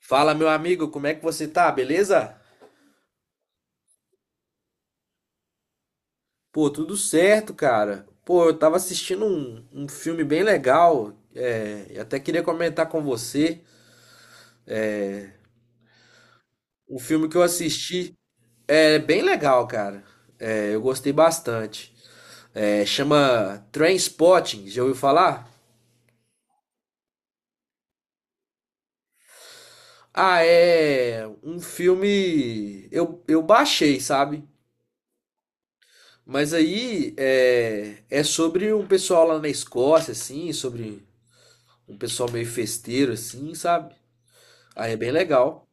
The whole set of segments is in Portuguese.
Fala, meu amigo, como é que você tá? Beleza? Pô, tudo certo, cara. Pô, eu tava assistindo um filme bem legal. É, eu até queria comentar com você. Um filme que eu assisti é bem legal, cara. É, eu gostei bastante. É, chama Trainspotting, já ouviu falar? Ah, é um filme. Eu baixei, sabe? Mas aí é sobre um pessoal lá na Escócia, assim, sobre um pessoal meio festeiro, assim, sabe? Aí é bem legal.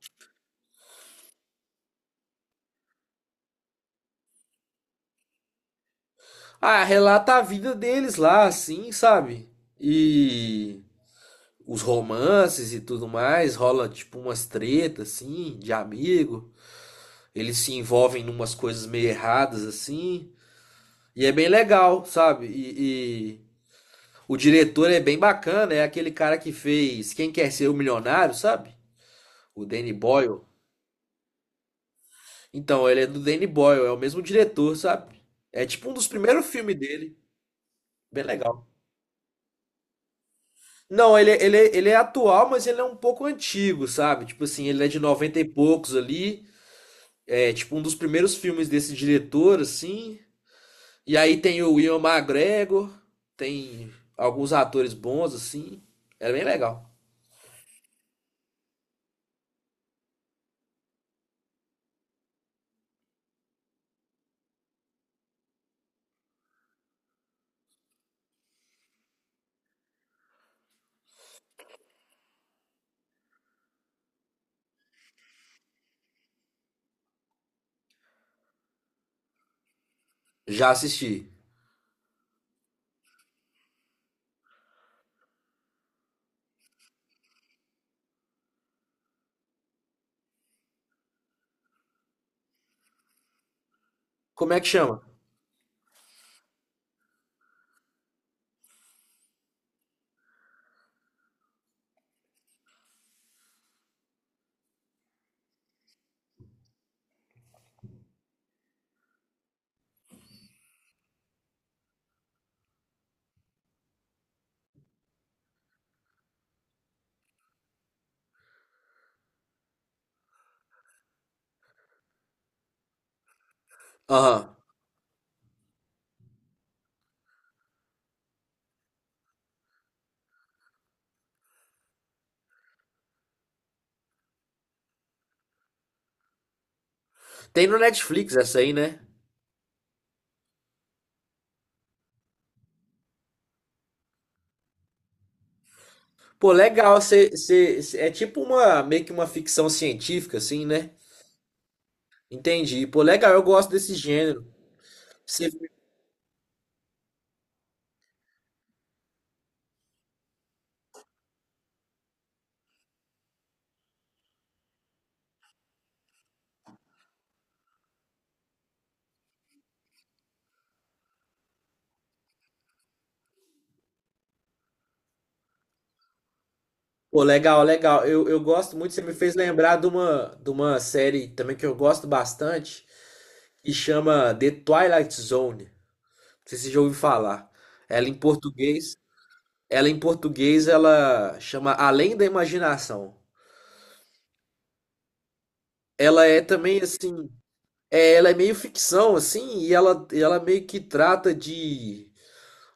Ah, relata a vida deles lá, assim, sabe? E os romances e tudo mais, rola tipo umas tretas, assim, de amigo. Eles se envolvem em umas coisas meio erradas, assim. E é bem legal, sabe? E o diretor é bem bacana, é aquele cara que fez Quem Quer Ser o Milionário, sabe? O Danny Boyle. Então, ele é do Danny Boyle, é o mesmo diretor, sabe? É tipo um dos primeiros filmes dele. Bem legal. Não, ele é atual, mas ele é um pouco antigo, sabe? Tipo assim, ele é de 90 e poucos ali. É tipo um dos primeiros filmes desse diretor, assim. E aí tem o Ian McGregor, tem alguns atores bons, assim. Era bem legal. Já assisti. Como é que chama? Aham. Tem no Netflix essa aí, né? Pô, legal. É tipo uma, meio que uma ficção científica, assim, né? Entendi. Pô, legal, eu gosto desse gênero. Pô, legal, legal. Eu gosto muito, você me fez lembrar de uma série também que eu gosto bastante, que chama The Twilight Zone. Não sei se você já ouviu falar. Ela em português, ela em português, ela chama Além da Imaginação. Ela é também assim, é, ela é meio ficção assim, e ela meio que trata de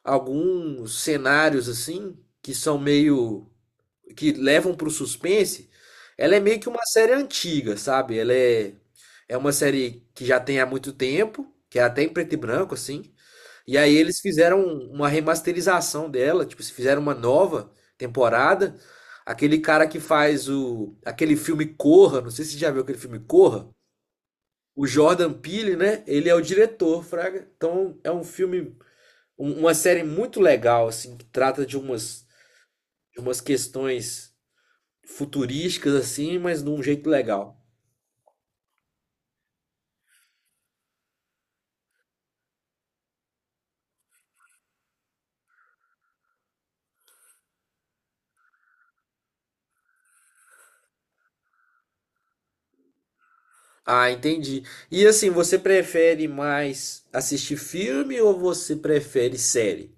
alguns cenários assim que são meio que levam pro suspense, ela é meio que uma série antiga, sabe? É uma série que já tem há muito tempo, que é até em preto e branco, assim. E aí eles fizeram uma remasterização dela, tipo, se fizeram uma nova temporada. Aquele cara que faz o, aquele filme Corra, não sei se você já viu aquele filme Corra, o Jordan Peele, né? Ele é o diretor, Fraga. Então é um filme, uma série muito legal, assim, que trata de umas questões futurísticas assim, mas de um jeito legal. Ah, entendi. E assim, você prefere mais assistir filme ou você prefere série?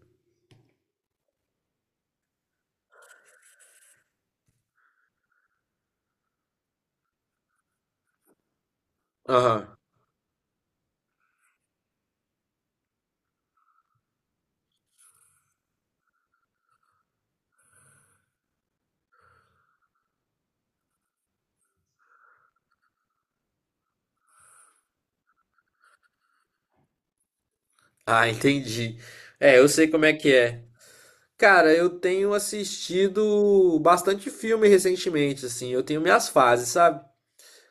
Aham. Ah, entendi. É, eu sei como é que é. Cara, eu tenho assistido bastante filme recentemente, assim. Eu tenho minhas fases, sabe?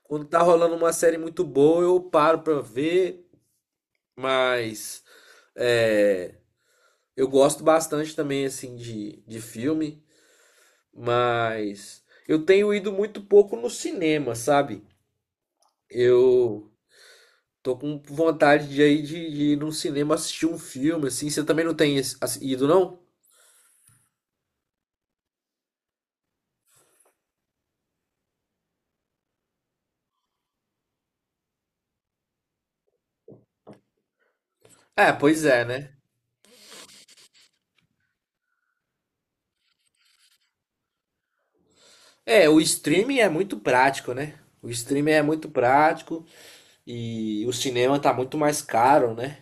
Quando tá rolando uma série muito boa, eu paro pra ver, mas é, eu gosto bastante também, assim, de filme. Mas eu tenho ido muito pouco no cinema, sabe? Eu tô com vontade de, aí de ir num cinema assistir um filme, assim. Você também não tem esse- ido, não? É, pois é, né? É, o streaming é muito prático, né? O streaming é muito prático e o cinema tá muito mais caro, né?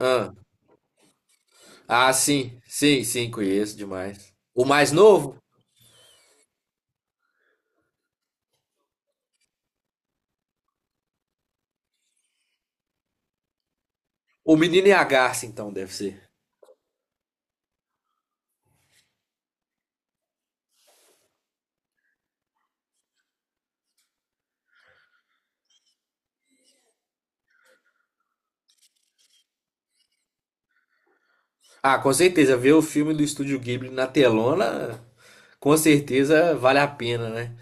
Ah, sim, sim, sim, conheço demais. O mais novo? O Menino e a Garça, então, deve ser. Ah, com certeza, ver o filme do Estúdio Ghibli na telona com certeza vale a pena, né?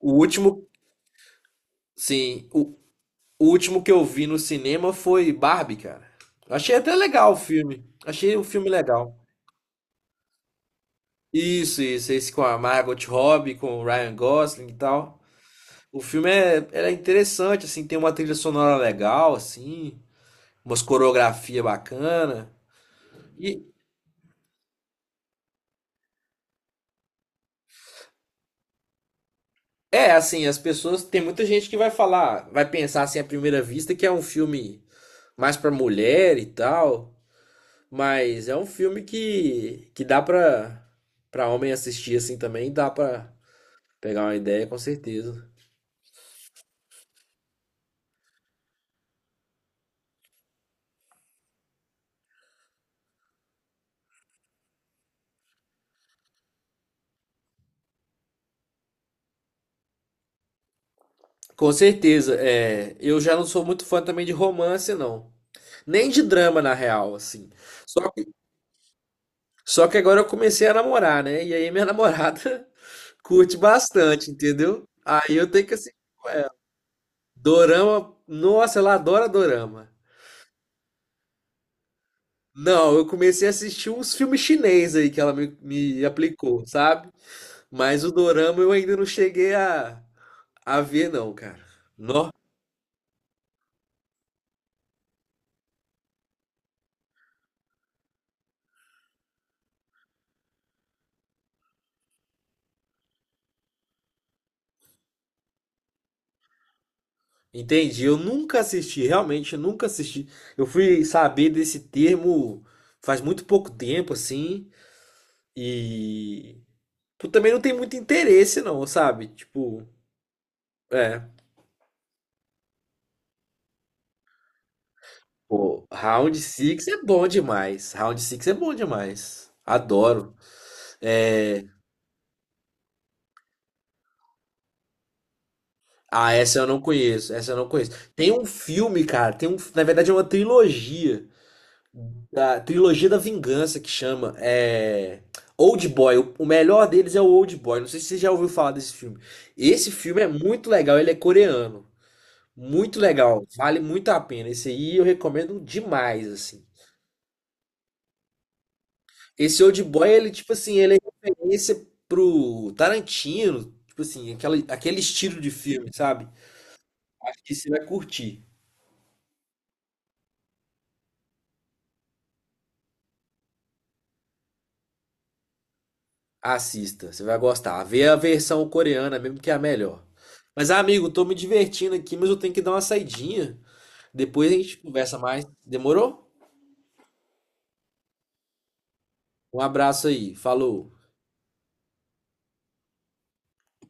O último, sim, o, o último que eu vi no cinema foi Barbie, cara. Achei até legal o filme. Achei o filme legal. Isso, esse com a Margot Robbie, com o Ryan Gosling e tal. O filme é, ele é interessante, assim, tem uma trilha sonora legal, assim, umas coreografia bacana. E é assim, as pessoas, tem muita gente que vai falar, vai pensar assim à primeira vista que é um filme mais pra mulher e tal. Mas é um filme que dá pra, pra homem assistir assim também, dá pra pegar uma ideia, com certeza. Com certeza, é, eu já não sou muito fã também de romance, não. Nem de drama, na real, assim. Só que, só que agora eu comecei a namorar, né? E aí minha namorada curte bastante, entendeu? Aí eu tenho que assistir com ela. Dorama, nossa, ela adora dorama. Não, eu comecei a assistir uns filmes chinês aí que ela me aplicou, sabe? Mas o dorama eu ainda não cheguei a ver, não, cara. Nó, entendi. Eu nunca assisti, realmente, eu nunca assisti. Eu fui saber desse termo faz muito pouco tempo, assim, e tu também não tem muito interesse, não, sabe? Tipo, é. Pô, Round Six é bom demais. Round Six é bom demais. Adoro. Ah, essa eu não conheço. Essa eu não conheço. Tem um filme, cara. Tem um, na verdade, é uma trilogia. Da trilogia da vingança que chama é Old Boy. O melhor deles é o Old Boy. Não sei se você já ouviu falar desse filme. Esse filme é muito legal, ele é coreano. Muito legal, vale muito a pena. Esse aí eu recomendo demais, assim. Esse Old Boy, ele, tipo assim, ele é referência pro Tarantino, tipo assim, aquela, aquele estilo de filme, sabe? Acho que você vai curtir. Assista, você vai gostar. Vê a versão coreana mesmo que é a melhor. Mas, amigo, tô me divertindo aqui, mas eu tenho que dar uma saidinha. Depois a gente conversa mais. Demorou? Um abraço aí. Falou.